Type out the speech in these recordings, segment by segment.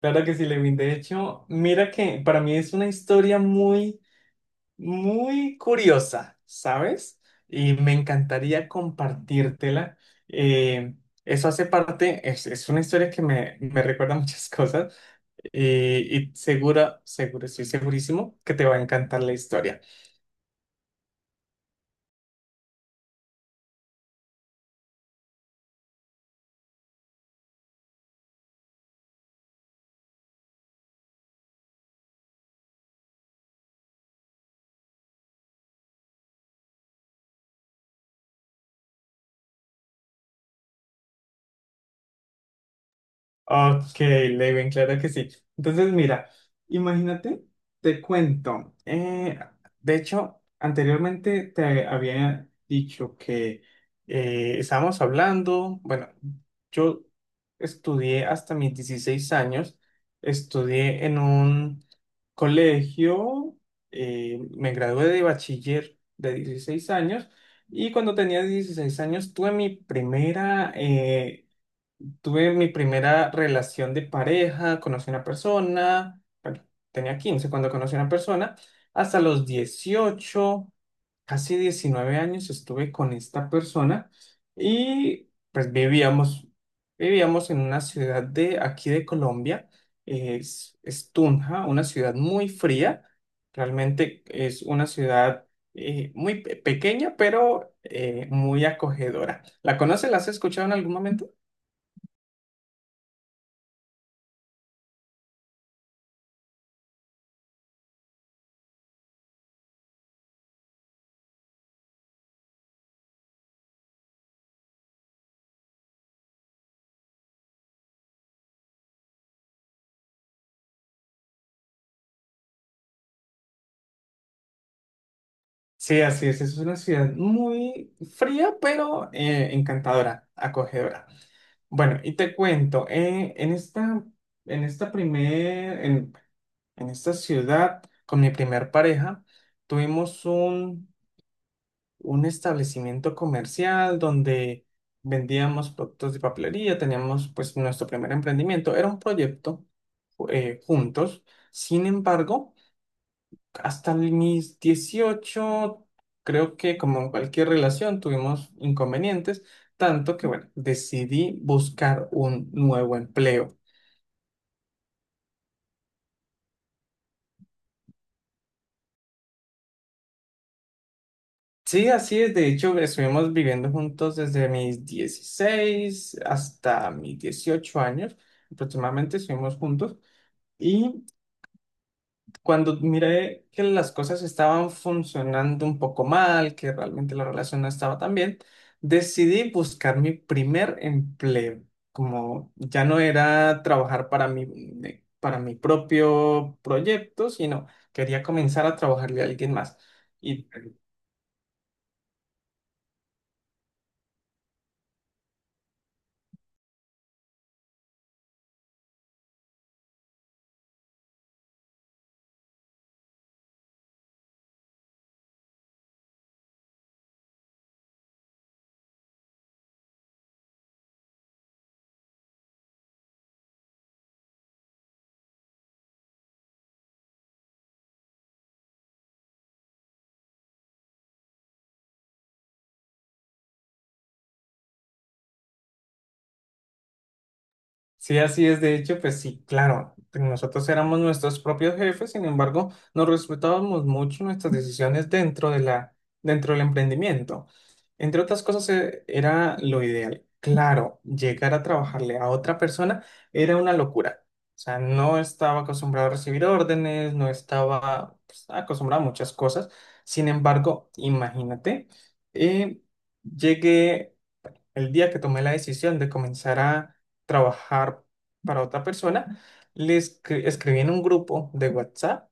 Claro que sí, Lewin. De hecho, mira que para mí es una historia muy, muy curiosa, ¿sabes? Y me encantaría compartírtela. Eh, Eso hace parte, es una historia que me recuerda muchas cosas eh, y seguro, estoy segurísimo que te va a encantar la historia. Ok, Lewin, claro que sí. Entonces, mira, imagínate, te cuento. De hecho, anteriormente te había dicho que estábamos hablando, bueno, yo estudié hasta mis 16 años, estudié en un colegio, me gradué de bachiller de 16 años y cuando tenía 16 años Tuve mi primera relación de pareja, conocí a una persona, bueno, tenía 15 cuando conocí a una persona, hasta los 18 casi 19 años estuve con esta persona y pues vivíamos en una ciudad de aquí de Colombia, es Tunja, una ciudad muy fría, realmente es una ciudad muy pequeña, pero muy acogedora. ¿La conoces? ¿La has escuchado en algún momento? Sí, así es. Es una ciudad muy fría, pero encantadora, acogedora. Bueno, y te cuento, en esta primer, en, en esta ciudad, con mi primer pareja, tuvimos un, un establecimiento comercial donde vendíamos productos de papelería, teníamos pues nuestro primer emprendimiento. Era un proyecto juntos. Sin embargo, hasta mis 18 creo que como en cualquier relación tuvimos inconvenientes, tanto que bueno, decidí buscar un nuevo empleo. Sí, así es, de hecho, estuvimos viviendo juntos desde mis 16 hasta mis 18 años, aproximadamente estuvimos juntos, y cuando miré que las cosas estaban funcionando un poco mal, que realmente la relación no estaba tan bien, decidí buscar mi primer empleo. Como ya no era trabajar para mi propio proyecto, sino quería comenzar a trabajarle a alguien más. Y Sí, así es. De hecho, pues sí, claro, nosotros éramos nuestros propios jefes, sin embargo, nos respetábamos mucho nuestras decisiones dentro del emprendimiento. Entre otras cosas, era lo ideal. Claro, llegar a trabajarle a otra persona era una locura. O sea, no estaba acostumbrado a recibir órdenes, no estaba, pues, acostumbrado a muchas cosas. Sin embargo, imagínate, eh, llegué el día que tomé la decisión de comenzar a trabajar para otra persona, escribí en un grupo de WhatsApp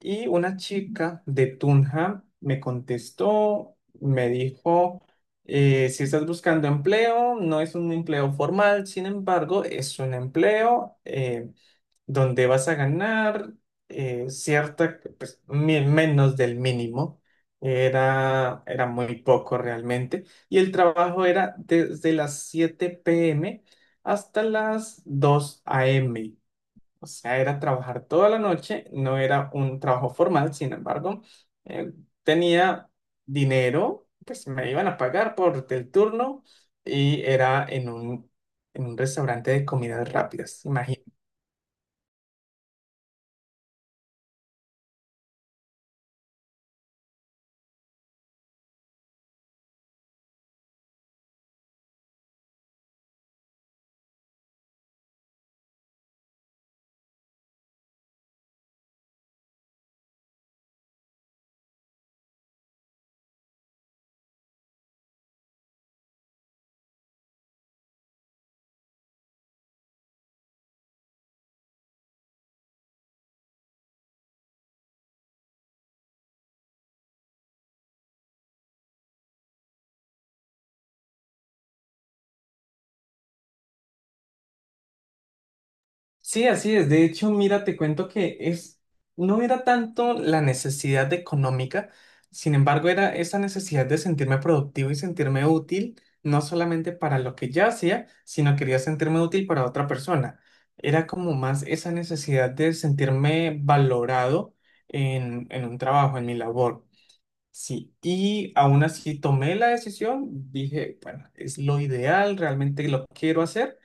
y una chica de Tunja me contestó, me dijo, si estás buscando empleo, no es un empleo formal, sin embargo, es un empleo, donde vas a ganar cierta, pues, menos del mínimo. Era muy poco realmente. Y el trabajo era desde las 7 p.m. hasta las 2 a.m. O sea, era trabajar toda la noche. No era un trabajo formal, sin embargo, eh, tenía dinero, pues me iban a pagar por el turno y era en un restaurante de comidas rápidas. Sí, así es. De hecho, mira, te cuento, no era tanto la necesidad de económica, sin embargo, era esa necesidad de sentirme productivo y sentirme útil, no solamente para lo que yo hacía, sino quería sentirme útil para otra persona. Era como más esa necesidad de sentirme valorado en un trabajo, en mi labor. Sí, y aún así tomé la decisión, dije, bueno, es lo ideal, realmente lo quiero hacer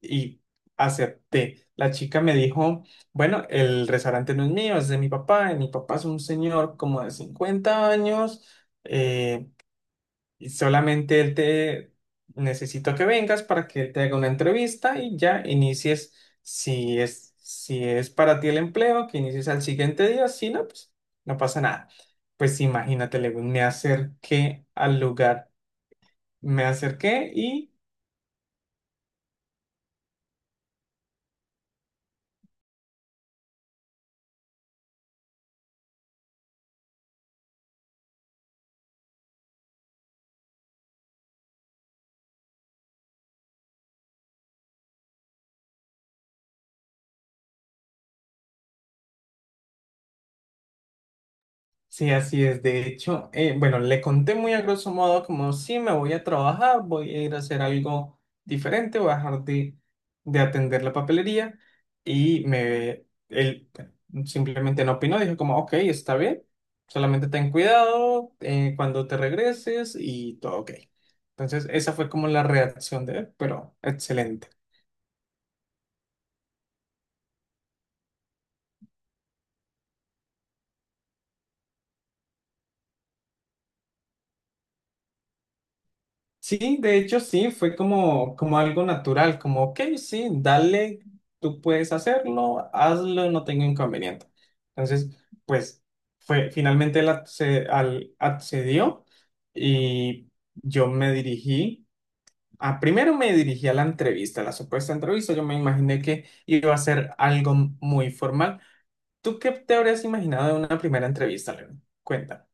y acepté. La chica me dijo, bueno, el restaurante no es mío, es de mi papá. Mi papá es un señor como de 50 años eh, y solamente él te necesito que vengas para que él te haga una entrevista y ya inicies si es para ti el empleo, que inicies al siguiente día. Si no, pues no pasa nada. Pues imagínate, Lewin, me acerqué al lugar, me acerqué y... Sí, así es. De hecho, bueno, le conté muy a grosso modo como sí, me voy a trabajar, voy a ir a hacer algo diferente, voy a dejar de atender la papelería él, bueno, simplemente no opinó, dijo como, ok, está bien, solamente ten cuidado cuando te regreses y todo ok. Entonces, esa fue como la reacción de él, pero excelente. Sí, de hecho sí, fue como algo natural, como, ok, sí, dale, tú puedes hacerlo, hazlo, no tengo inconveniente. Entonces, pues fue, finalmente accedió y yo me dirigí, primero me dirigí a la entrevista, a la supuesta entrevista, yo me imaginé que iba a ser algo muy formal. ¿Tú qué te habrías imaginado de una primera entrevista, León? Cuenta.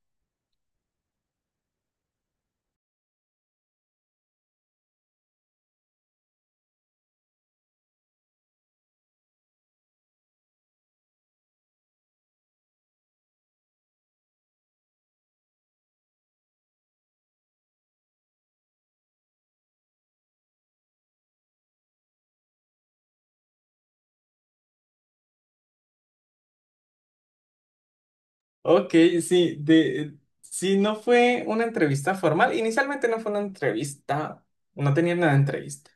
Ok, sí, sí, no fue una entrevista formal. Inicialmente no fue una entrevista, no tenía nada de entrevista.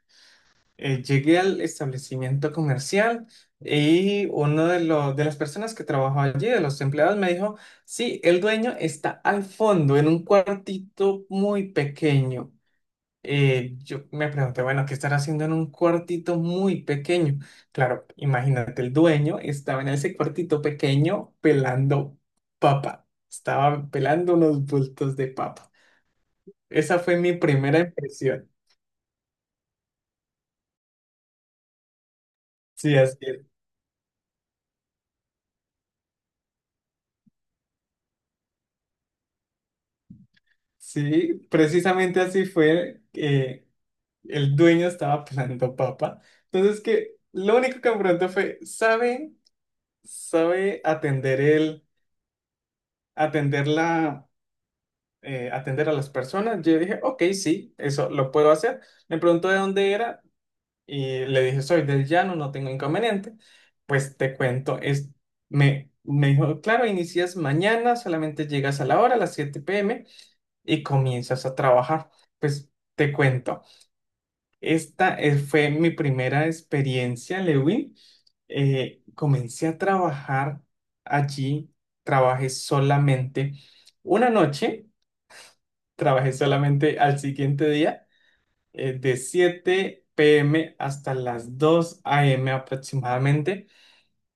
Llegué al establecimiento comercial y los de las personas que trabajaba allí, de los empleados, me dijo, sí, el dueño está al fondo, en un cuartito muy pequeño. Yo me pregunté, bueno, ¿qué estará haciendo en un cuartito muy pequeño? Claro, imagínate, el dueño estaba en ese cuartito pequeño pelando papa, estaba pelando unos bultos de papa. Esa fue mi primera impresión. Sí, así es. Sí, precisamente así fue. El dueño estaba pelando papa. Entonces, que lo único que me preguntó fue: ¿sabe, sabe atender el, atender la, atender a las personas? Yo dije, ok, sí, eso lo puedo hacer. Me preguntó de dónde era y le dije, soy del llano, no tengo inconveniente. Pues te cuento, me dijo, claro, inicias mañana, solamente llegas a la hora, a las 7 p.m. y comienzas a trabajar. Pues te cuento, esta fue mi primera experiencia, Lewin. Comencé a trabajar allí, trabajé solamente una noche trabajé solamente al siguiente día, de 7 p.m. hasta las 2 a.m. aproximadamente,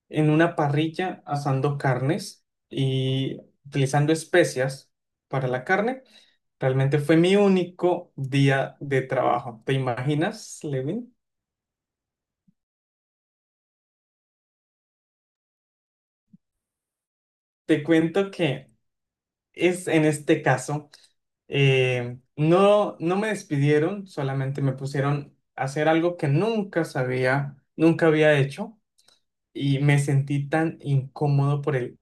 en una parrilla asando carnes y utilizando especias para la carne. Realmente fue mi único día de trabajo. ¿Te imaginas, Levin? Te cuento que es en este caso, no, no me despidieron, solamente me pusieron a hacer algo que nunca sabía, nunca había hecho y me sentí tan incómodo,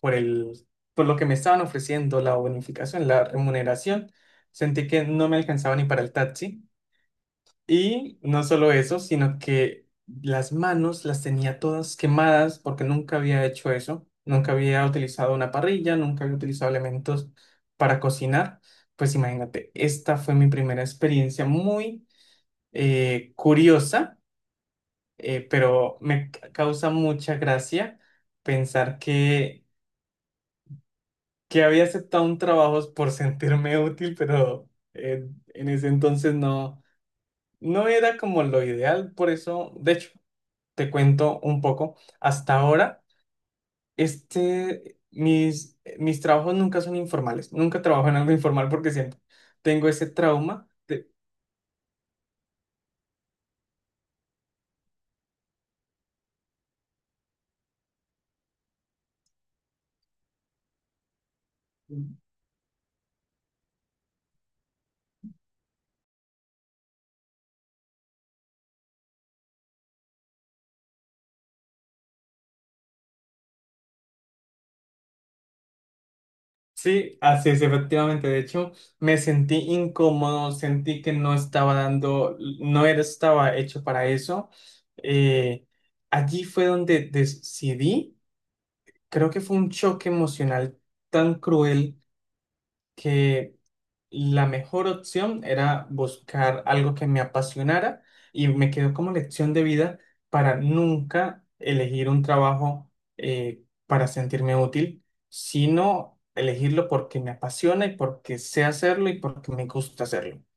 por el, por lo que me estaban ofreciendo, la bonificación, la remuneración. Sentí que no me alcanzaba ni para el taxi. Y no solo eso, sino que las manos las tenía todas quemadas porque nunca había hecho eso. Nunca había utilizado una parrilla, nunca había utilizado elementos para cocinar. Pues imagínate, esta fue mi primera experiencia muy curiosa, pero me causa mucha gracia pensar que había aceptado un trabajo por sentirme útil, pero en ese entonces no, no era como lo ideal, por eso, de hecho, te cuento un poco, hasta ahora, este, mis trabajos nunca son informales, nunca trabajo en algo informal porque siempre tengo ese trauma. Sí, así es, efectivamente. De hecho, me sentí incómodo, sentí que no estaba dando, no era, estaba hecho para eso. Eh, Allí fue donde decidí, creo que fue un choque emocional tan cruel que la mejor opción era buscar algo que me apasionara y me quedó como lección de vida para nunca elegir un trabajo para sentirme útil, sino elegirlo porque me apasiona y porque sé hacerlo y porque me gusta hacerlo.